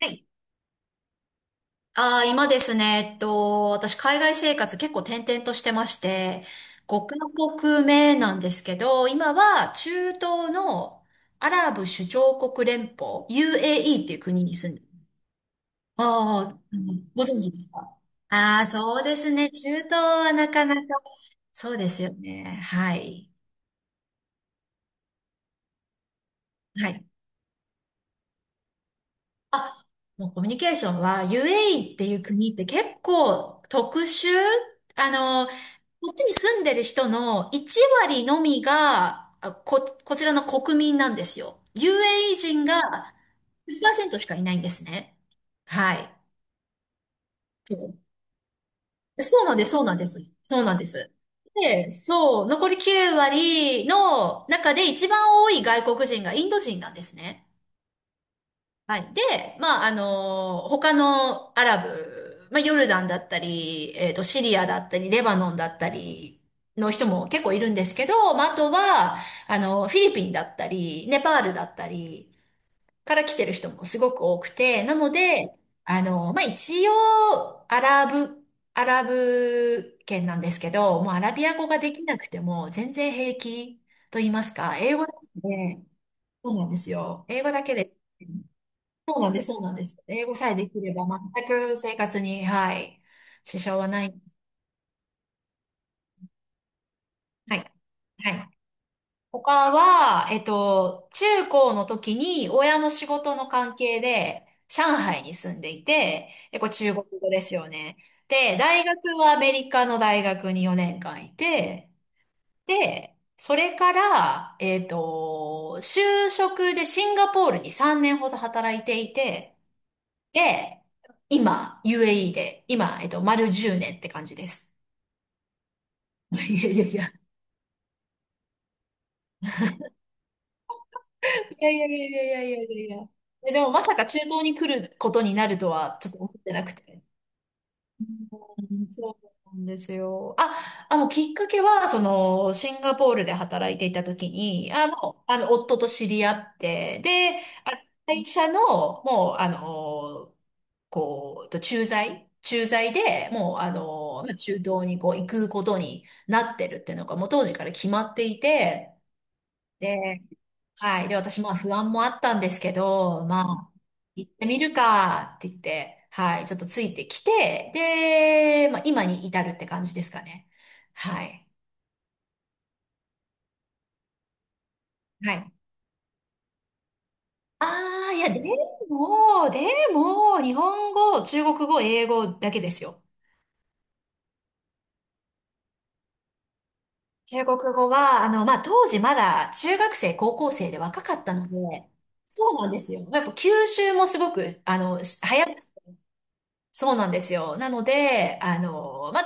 はい。今ですね、私、海外生活結構転々としてまして、5カ国目なんですけど、今は中東のアラブ首長国連邦、UAE っていう国に住んで、ああ、うん、ご存知ですか？ああー、そうですね。中東はなかなか。そうですよね。はい。はい。あ、もうコミュニケーションは、 UAE っていう国って結構特殊。こっちに住んでる人の1割のみが、こちらの国民なんですよ。UAE 人が10%しかいないんですね。はい。そうそうなんです、そうなんです。そうなんです。で、そう、残り9割の中で一番多い外国人がインド人なんですね。はい。で、まあ、他のアラブ、まあ、ヨルダンだったり、シリアだったり、レバノンだったりの人も結構いるんですけど、まあ、あとは、フィリピンだったり、ネパールだったりから来てる人もすごく多くて、なので、まあ、一応、アラブ圏なんですけど、もうアラビア語ができなくても全然平気と言いますか、英語だけで。そうなんですよ。英語だけで。そうなんです、そうなんです。英語さえできれば全く生活に、はい、支障はない。はい、はい。他は、中高の時に親の仕事の関係で上海に住んでいて、で、これ中国語ですよね。で、大学はアメリカの大学に4年間いて、で、それから、就職でシンガポールに3年ほど働いていて、で、今、UAE で、今、丸10年って感じです。いやいやいや。いやいやいやいやいやいやいやいや。で、でもまさか中東に来ることになるとはちょっと思ってなくて。うん、そうなんですよ。あ、もうきっかけは、その、シンガポールで働いていた時に、あ、もう、夫と知り合って、で、あ会社の、もう、と駐在、駐在でもう、まあ中東にこう行くことになってるっていうのが、もう当時から決まっていて、で、はい。で、私、まあ不安もあったんですけど、まあ、行ってみるかって言って、はい。ちょっとついてきて、で、まあ今に至るって感じですかね。はい。はい。ああ、いや、でも、日本語、中国語、英語だけですよ。中国語は、まあ、当時まだ中学生、高校生で若かったので、そうなんですよ。やっぱ吸収もすごく、早く、そうなんですよ。なので、あの、ま、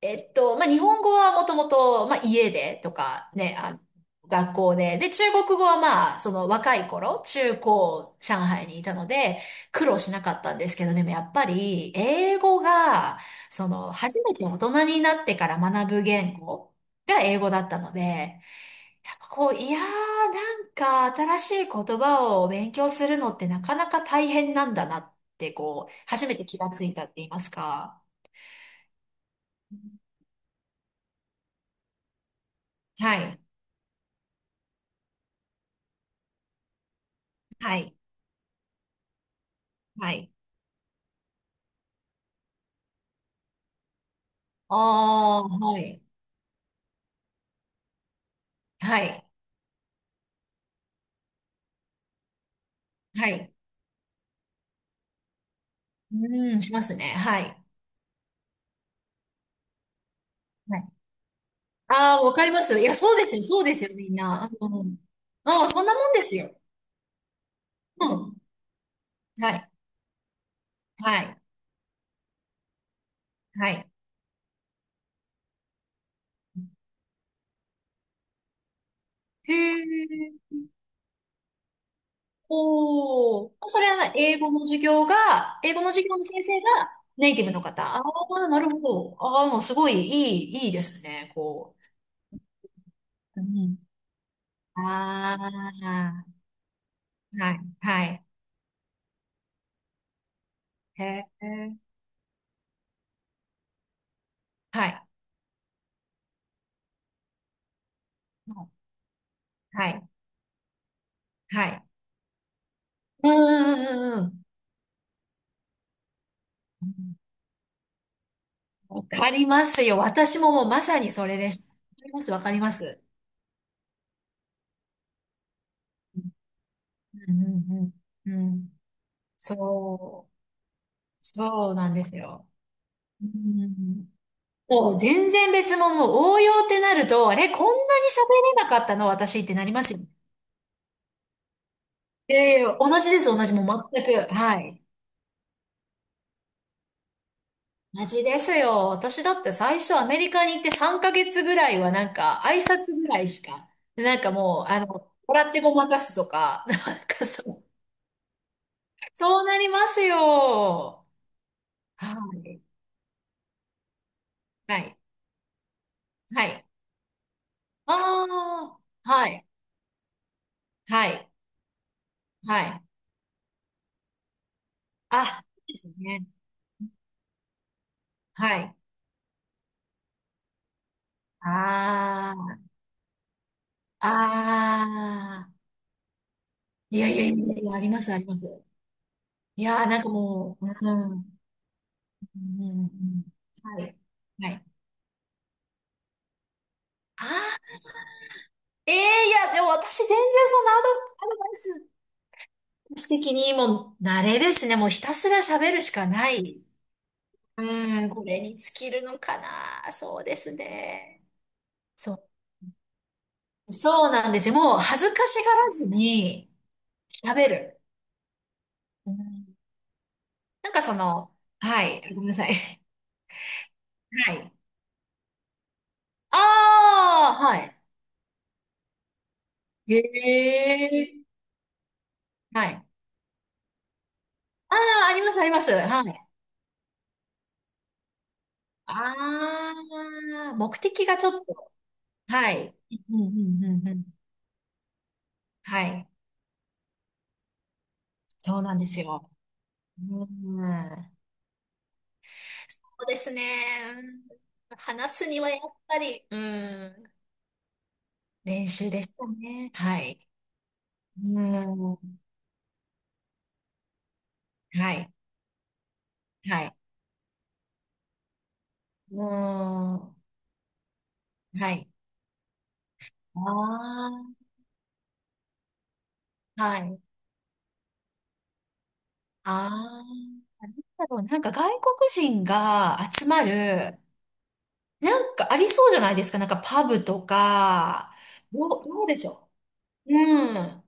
えっと、ま、日本語はもともと、家でとかね、学校で、で、中国語はまあ、その若い頃、中高、上海にいたので、苦労しなかったんですけど、でもやっぱり、英語が、その、初めて大人になってから学ぶ言語が英語だったので、いやー、なんか新しい言葉を勉強するのってなかなか大変なんだなって、初めて気がついたって言いますか。はい。はい。はい。ああ、はい。はい。はい。うーん、しますね。はい。はい。ああ、わかります。いや、そうですよ。そうですよ、みんな。うん。ああ、そんなもんですよ。うん。はい。はい。はい。へえ。おー。それは英語の授業の先生がネイティブの方？ああ、なるほど。ああ、もうすごいいいですね。こう。うん。ああ、はい、はい。へえ、はい、はい、はい。うんうんうんうん。わかりますよ。私ももうまさにそれでした。わかります、わかります。うんうんうん。うん。そう、そうなんですよ。うんうんうん。もう全然別物、もう応用ってなると、あれ、こんなに喋れなかったの私ってなりますよね。いやいや、同じです、同じ、もう全く。はい。同じですよ。私だって最初アメリカに行って3ヶ月ぐらいはなんか挨拶ぐらいしか、なんかもう、笑ってごまかすとか、なんかそう、そうなりますよ。はい。はい。はい。ああ、はい。はい。はい。あ、いいですね。はい。ああ。ああ、いやいやいやいや、あります、あります。いやー、なんかもう、うん、うん、うん。うん、はい、はい。ああ、ええ、いや、でも私全然そんなアドバイス的にもう、慣れですね。もうひたすら喋るしかない。うん、これに尽きるのかな。そうですね。そう、そうなんですよ。もう恥ずかしがらずに喋る。うん、なんかその、はい、ごめんなさい。はい。ああ、はい。へえ。はい。ああ、あります、あります。はい。ああ、目的がちょっと。はい。うんうんうんうん。はい。そうなんですよ。うん。そうですね。うん、話すにはやっぱり、うん。練習ですかね。はい。うん。はい。はい。うん。はい。ああ、はい。ああ。だろう、なんか外国人が集まる、なんかありそうじゃないですか。なんかパブとか、どうでしょう？うん。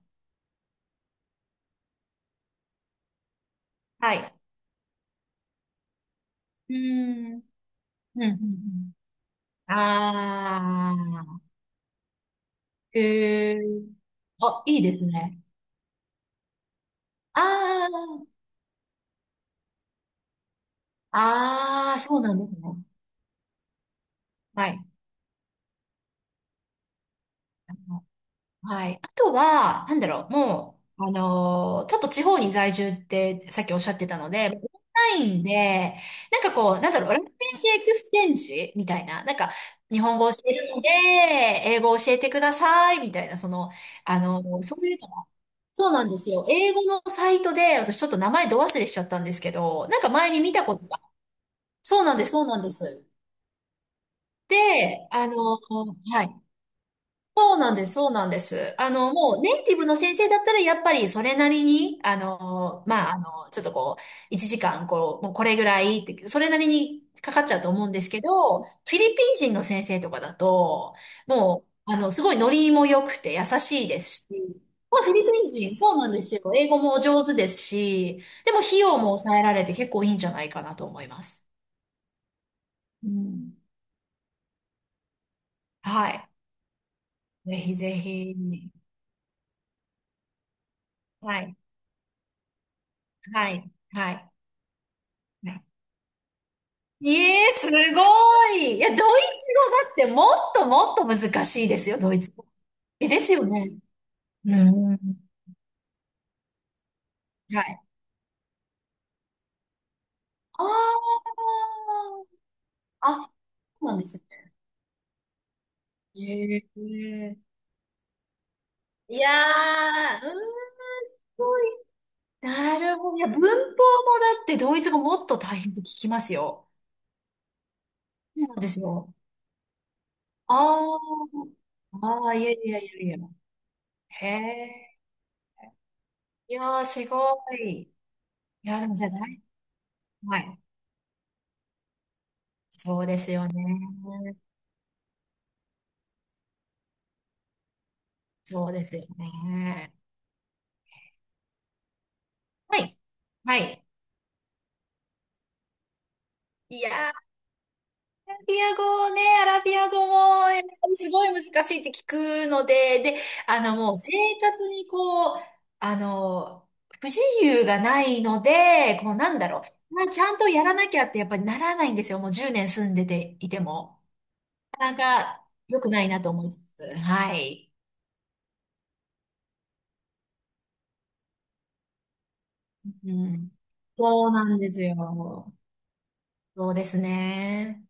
はい。うん。うん、うん、うん。ああ、へえ。あ、いいですね。ああ、ああ、そうなんですね。はい。はい。あとは、なんだろう、もう、ちょっと地方に在住ってさっきおっしゃってたので、オンラインで、なんかこう、なんだろう、ラテン系エクスチェンジみたいな、なんか、日本語を教えるので、英語を教えてください、みたいな、その、そういうのが、そうなんですよ。英語のサイトで、私ちょっと名前ど忘れしちゃったんですけど、なんか前に見たことが、そうなんです、そうなんです。で、はい、そうなんです、そうなんです。もうネイティブの先生だったら、やっぱりそれなりに、まあ、ちょっとこう、1時間、こう、もうこれぐらいって、それなりにかかっちゃうと思うんですけど、フィリピン人の先生とかだと、もう、すごいノリも良くて優しいですし、まあ、フィリピン人、そうなんですよ。英語も上手ですし、でも費用も抑えられて結構いいんじゃないかなと思います。うん。はい。ぜひぜひ。はい。はい。はい。はい。ええ、すごい。いや、ドイツ語だってもっともっと難しいですよ、ドイツ語。え、ですよね。うん。はい。ああ、あ、そうなんですね。ええ。いやー、うん、すごい、なるほど。いや、文法もだってドイツ語もっと大変って聞きますよ。そうなんですよ。ああ、ああ、いやいやいやいや。へえ。いやー、すごい。いや、でもじゃない。はい。そうですよね。そうですよね。はい。はい。いやー、アラビア語も、やっぱりすごい難しいって聞くので、で、もう生活にこう、あの、不自由がないので、こう、なんだろう、まあ、ちゃんとやらなきゃってやっぱりならないんですよ。もう10年住んでていても。なかなか良くないなと思いつつ、はい。うん。そうなんですよ。そうですね。